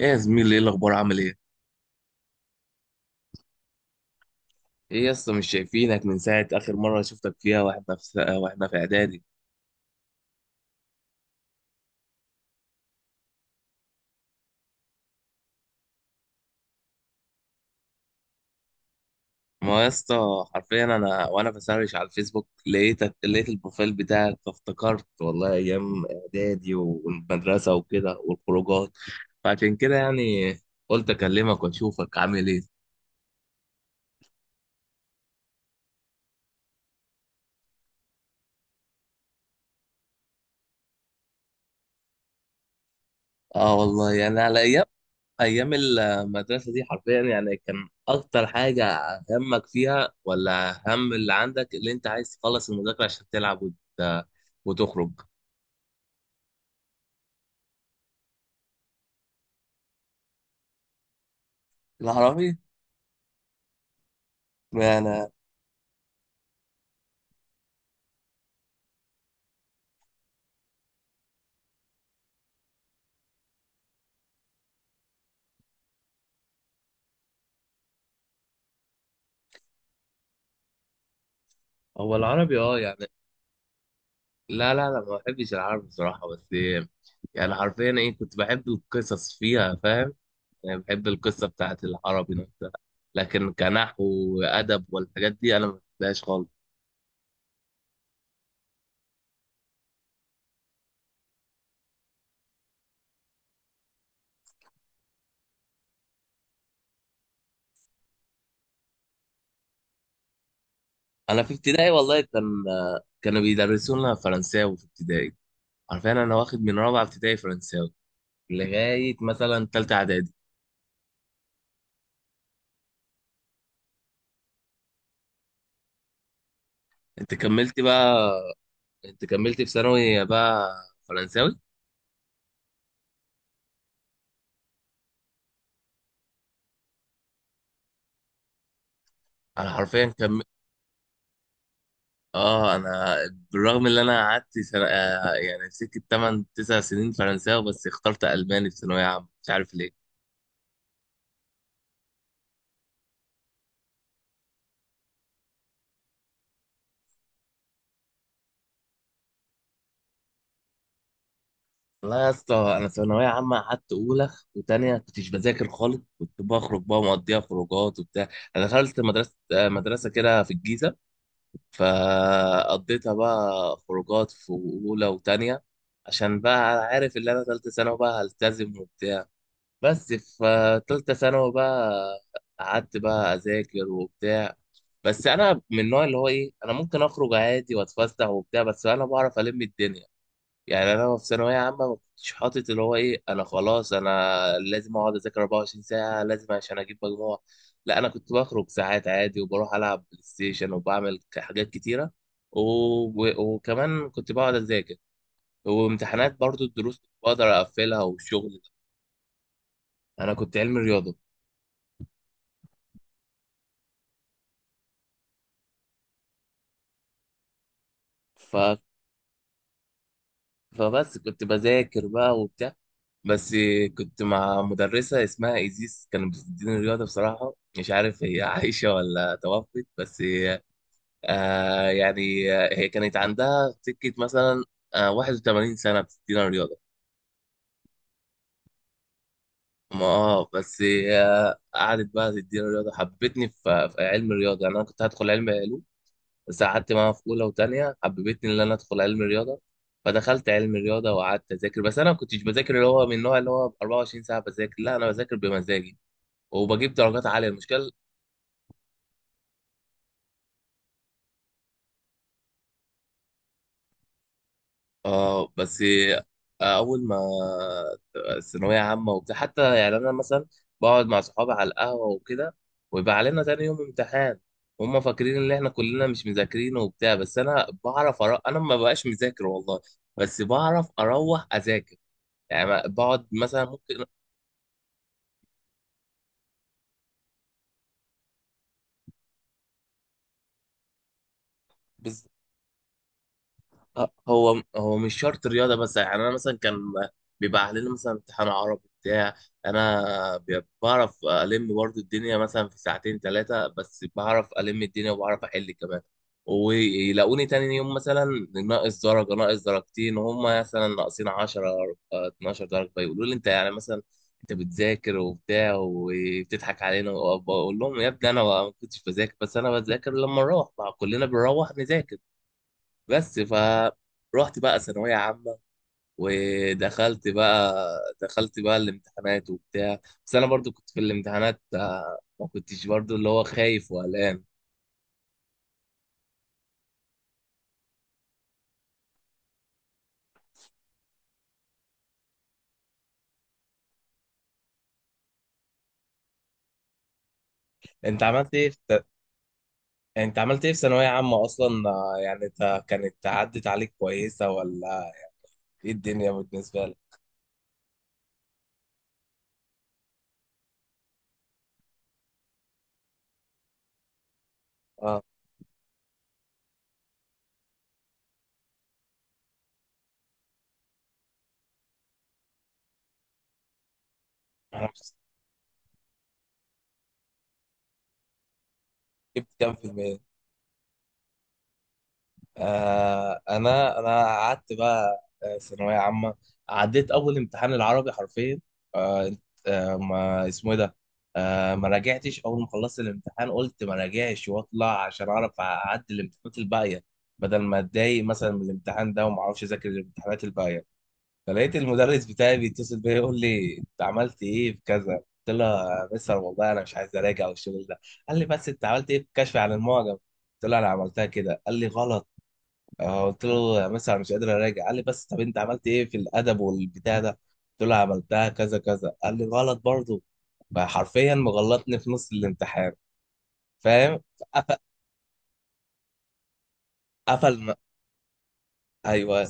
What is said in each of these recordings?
ايه يا زميلي، ايه الاخبار؟ عامل ايه؟ ايه يا اسطى، مش شايفينك من ساعه اخر مره شفتك فيها واحنا في اعدادي. ما يا اسطى، حرفيا انا وانا بسرش على الفيسبوك لقيتك، لقيت البروفايل بتاعك فافتكرت والله ايام اعدادي والمدرسه وكده والخروجات. فعشان كده يعني قلت اكلمك واشوفك عامل ايه. اه والله، يعني على ايام ايام المدرسه دي حرفيا، يعني كان اكتر حاجه همك فيها ولا هم اللي عندك اللي انت عايز تخلص المذاكره عشان تلعب وتخرج. العربي. انا. هو العربي اه يعني. لا لا لا، ما بحبش العربي بصراحه، بس يعني حرفيا ايه، كنت بحب القصص فيها فاهم؟ يعني بحب القصه بتاعت العربي نفسها، لكن كنحو وادب والحاجات دي انا ما بحبهاش خالص. انا في ابتدائي والله كان، كانوا بيدرسونا فرنساوي في ابتدائي. عارفين انا واخد من رابعه ابتدائي فرنساوي لغايه مثلا تالته اعدادي. انت كملت بقى؟ انت كملت في ثانوي بقى فرنساوي؟ انا حرفيا اه انا بالرغم ان انا قعدت سنة... آه يعني سكه 8 9 سنين فرنساوي، بس اخترت الماني في ثانويه عامه، مش عارف ليه. والله يا اسطى، انا ثانويه عامه قعدت اولى وتانية كنتش بذاكر خالص، كنت بخرج بقى مقضيها خروجات وبتاع. انا دخلت مدرسه كده في الجيزه، فقضيتها بقى خروجات في أولى وتانية عشان بقى أنا عارف إن أنا تالتة ثانوي بقى هلتزم وبتاع. بس في تالتة ثانوي بقى قعدت بقى أذاكر وبتاع. بس أنا من النوع اللي هو إيه، أنا ممكن أخرج عادي وأتفسح وبتاع، بس أنا بعرف ألم الدنيا. يعني انا في ثانويه عامه ما كنتش حاطط اللي هو ايه، انا خلاص انا لازم اقعد اذاكر 24 ساعه لازم عشان اجيب مجموع. لا، انا كنت بخرج ساعات عادي وبروح العب بلاي ستيشن وبعمل حاجات كتيره، وكمان كنت بقعد اذاكر وامتحانات، برضو الدروس كنت بقدر اقفلها والشغل ده. انا كنت علمي رياضه. ف... فبس كنت بذاكر بقى وبتاع. بس كنت مع مدرسة اسمها إيزيس كانت بتديني رياضة، بصراحة مش عارف هي عايشة ولا توفت، بس آه يعني هي كانت عندها سكة مثلا آه 81 سنة بتدينا رياضة. ما اه بس آه قعدت بقى تدينا رياضة، حبتني في علم الرياضة. يعني أنا كنت هدخل علم علوم، بس قعدت معاها في أولى وتانية حببتني إن أنا أدخل علم الرياضة، فدخلت علم الرياضة وقعدت أذاكر. بس أنا ما كنتش بذاكر اللي هو من النوع اللي هو 24 ساعة بذاكر، لا أنا بذاكر بمزاجي وبجيب درجات عالية، المشكلة. اه بس آه، اول ما ثانويه عامه وبتاع، حتى يعني انا مثلا بقعد مع صحابي على القهوه وكده ويبقى علينا تاني يوم امتحان، هما فاكرين ان احنا كلنا مش مذاكرين وبتاع. بس انا بعرف انا ما بقاش مذاكر والله، بس بعرف اروح اذاكر. يعني بقعد مثلا ممكن هو مش شرط رياضه. بس يعني انا مثلا كان بيبقى علينا مثلا امتحان عربي بتاع، انا بعرف الم برضو الدنيا مثلا في ساعتين ثلاثه، بس بعرف الم الدنيا وبعرف احل كمان، ويلاقوني تاني يوم مثلا ناقص درجه، ناقص درجتين، وهم مثلا ناقصين 10 12 درجه. فيقولوا لي انت يعني مثلا انت بتذاكر وبتاع وبتضحك علينا اقول لهم يا ابني انا ما كنتش بذاكر، بس انا بذاكر لما اروح، مع كلنا بنروح نذاكر بس. فروحت بقى ثانوية عامة ودخلت بقى، دخلت بقى الامتحانات وبتاع. بس أنا برضو كنت في الامتحانات ما كنتش برضو اللي هو خايف وقلقان. أنت عملت إيه في، أنت عملت إيه في ثانوية عامة أصلا يعني أنت كانت عدت عليك كويسة ولا إيه الدنيا بالنسبة لك؟ أه. أنا جبت كام في المية؟ آه انا انا قعدت بقى ثانويه عامه، عديت اول امتحان العربي حرفيا. آه، آه ما اسمه إيه ده، آه ما راجعتش. اول ما خلصت الامتحان قلت ما راجعش واطلع عشان اعرف اعدي الامتحانات الباقيه بدل ما اتضايق مثلا من الامتحان ده وما اعرفش اذاكر الامتحانات الباقيه. فلقيت المدرس بتاعي بيتصل بيا يقول لي انت عملت ايه في كذا. قلت له يا مستر والله انا مش عايز اراجع والشغل ده. قال لي بس انت عملت ايه في الكشف عن المعجم؟ قلت له انا عملتها كده. قال لي غلط. قلت له يا مس انا مش قادر اراجع. قال لي بس طب انت عملت ايه في الادب والبتاع ده؟ قلت له عملتها كذا كذا. قال لي غلط برضه. فحرفيا مغلطني في نص الامتحان فاهم. قف- قفل م... ايوه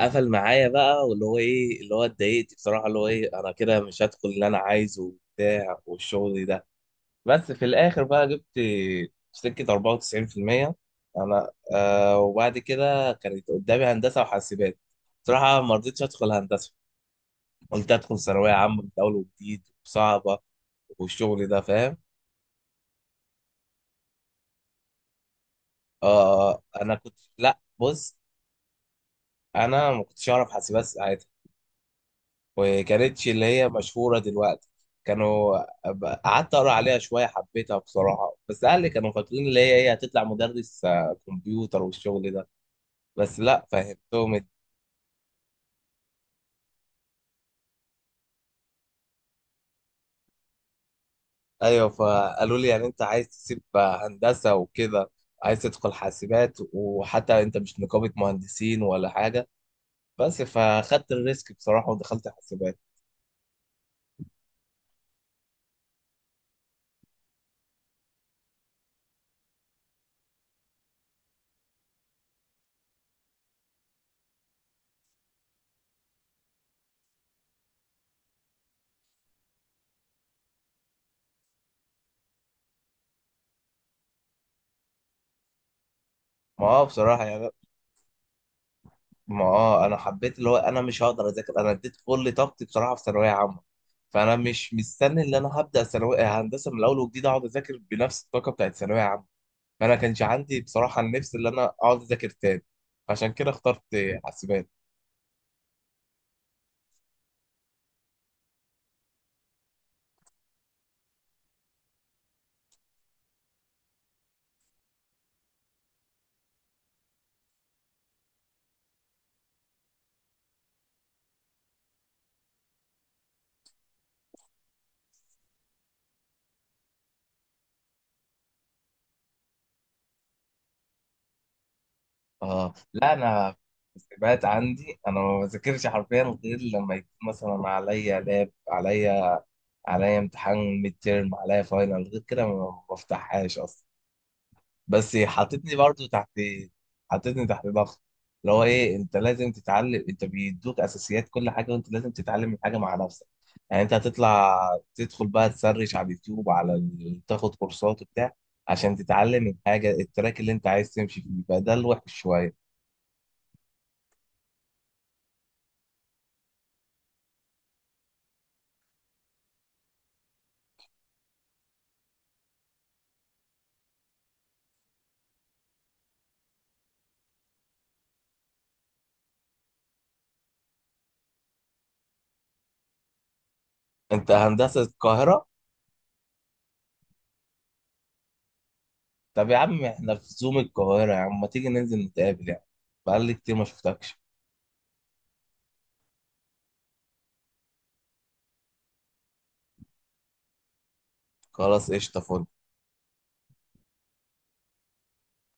قفل معايا بقى واللي هو ايه، اللي هو اتضايقت بصراحه اللي هو ايه، انا كده مش هدخل اللي انا عايزه وبتاع والشغل ده. بس في الاخر بقى جبت في سكه 94%. انا آه وبعد كده كانت قدامي هندسه وحاسبات. بصراحه ما رضيتش ادخل هندسه، قلت ادخل ثانويه عامه من اول وجديد وصعبه والشغل ده فاهم. آه انا كنت لا بص، انا ما كنتش اعرف حاسبات ساعتها، وكانتش اللي هي مشهوره دلوقتي. كانوا، قعدت اقرا عليها شويه حبيتها بصراحه، بس اهلي كانوا فاكرين اللي هي هي هتطلع مدرس آه، كمبيوتر والشغل ده، بس لا فهمتهم ايوه. فقالوا لي يعني انت عايز تسيب هندسه وكده، عايز تدخل حاسبات، وحتى انت مش نقابه مهندسين ولا حاجه، بس فاخدت الريسك بصراحه ودخلت حاسبات. ما هو بصراحه يعني، ما هو انا حبيت اللي هو انا مش هقدر اذاكر، انا اديت كل طاقتي بصراحه في ثانويه عامه، فانا مش مستني ان انا هبدا ثانويه هندسه من الاول وجديد اقعد اذاكر بنفس الطاقه بتاعت ثانويه عامه. فانا كانش عندي بصراحه النفس اللي انا اقعد اذاكر تاني، عشان كده اخترت حاسبات. اه لا انا، حاسبات عندي انا ما بذاكرش حرفيا غير لما يكون مثلا عليا لاب، عليا عليا امتحان ميد تيرم، عليا فاينل. غير كده ما بفتحهاش اصلا. بس حطيتني برضو تحت، حطيتني تحت ضغط اللي هو ايه انت لازم تتعلم، انت بيدوك اساسيات كل حاجه وانت لازم تتعلم الحاجه مع نفسك. يعني انت هتطلع تدخل بقى تسرش على اليوتيوب على تاخد كورسات وبتاع عشان تتعلم الحاجه، التراك اللي انت عايز تمشي فيه يبقى ده الوحش شويه. انت هندسه القاهره؟ طب يا عم احنا في زوم القاهره، يا عم ما تيجي ننزل نتقابل يعني، بقالي كتير ما شفتكش. خلاص قشطه، فل.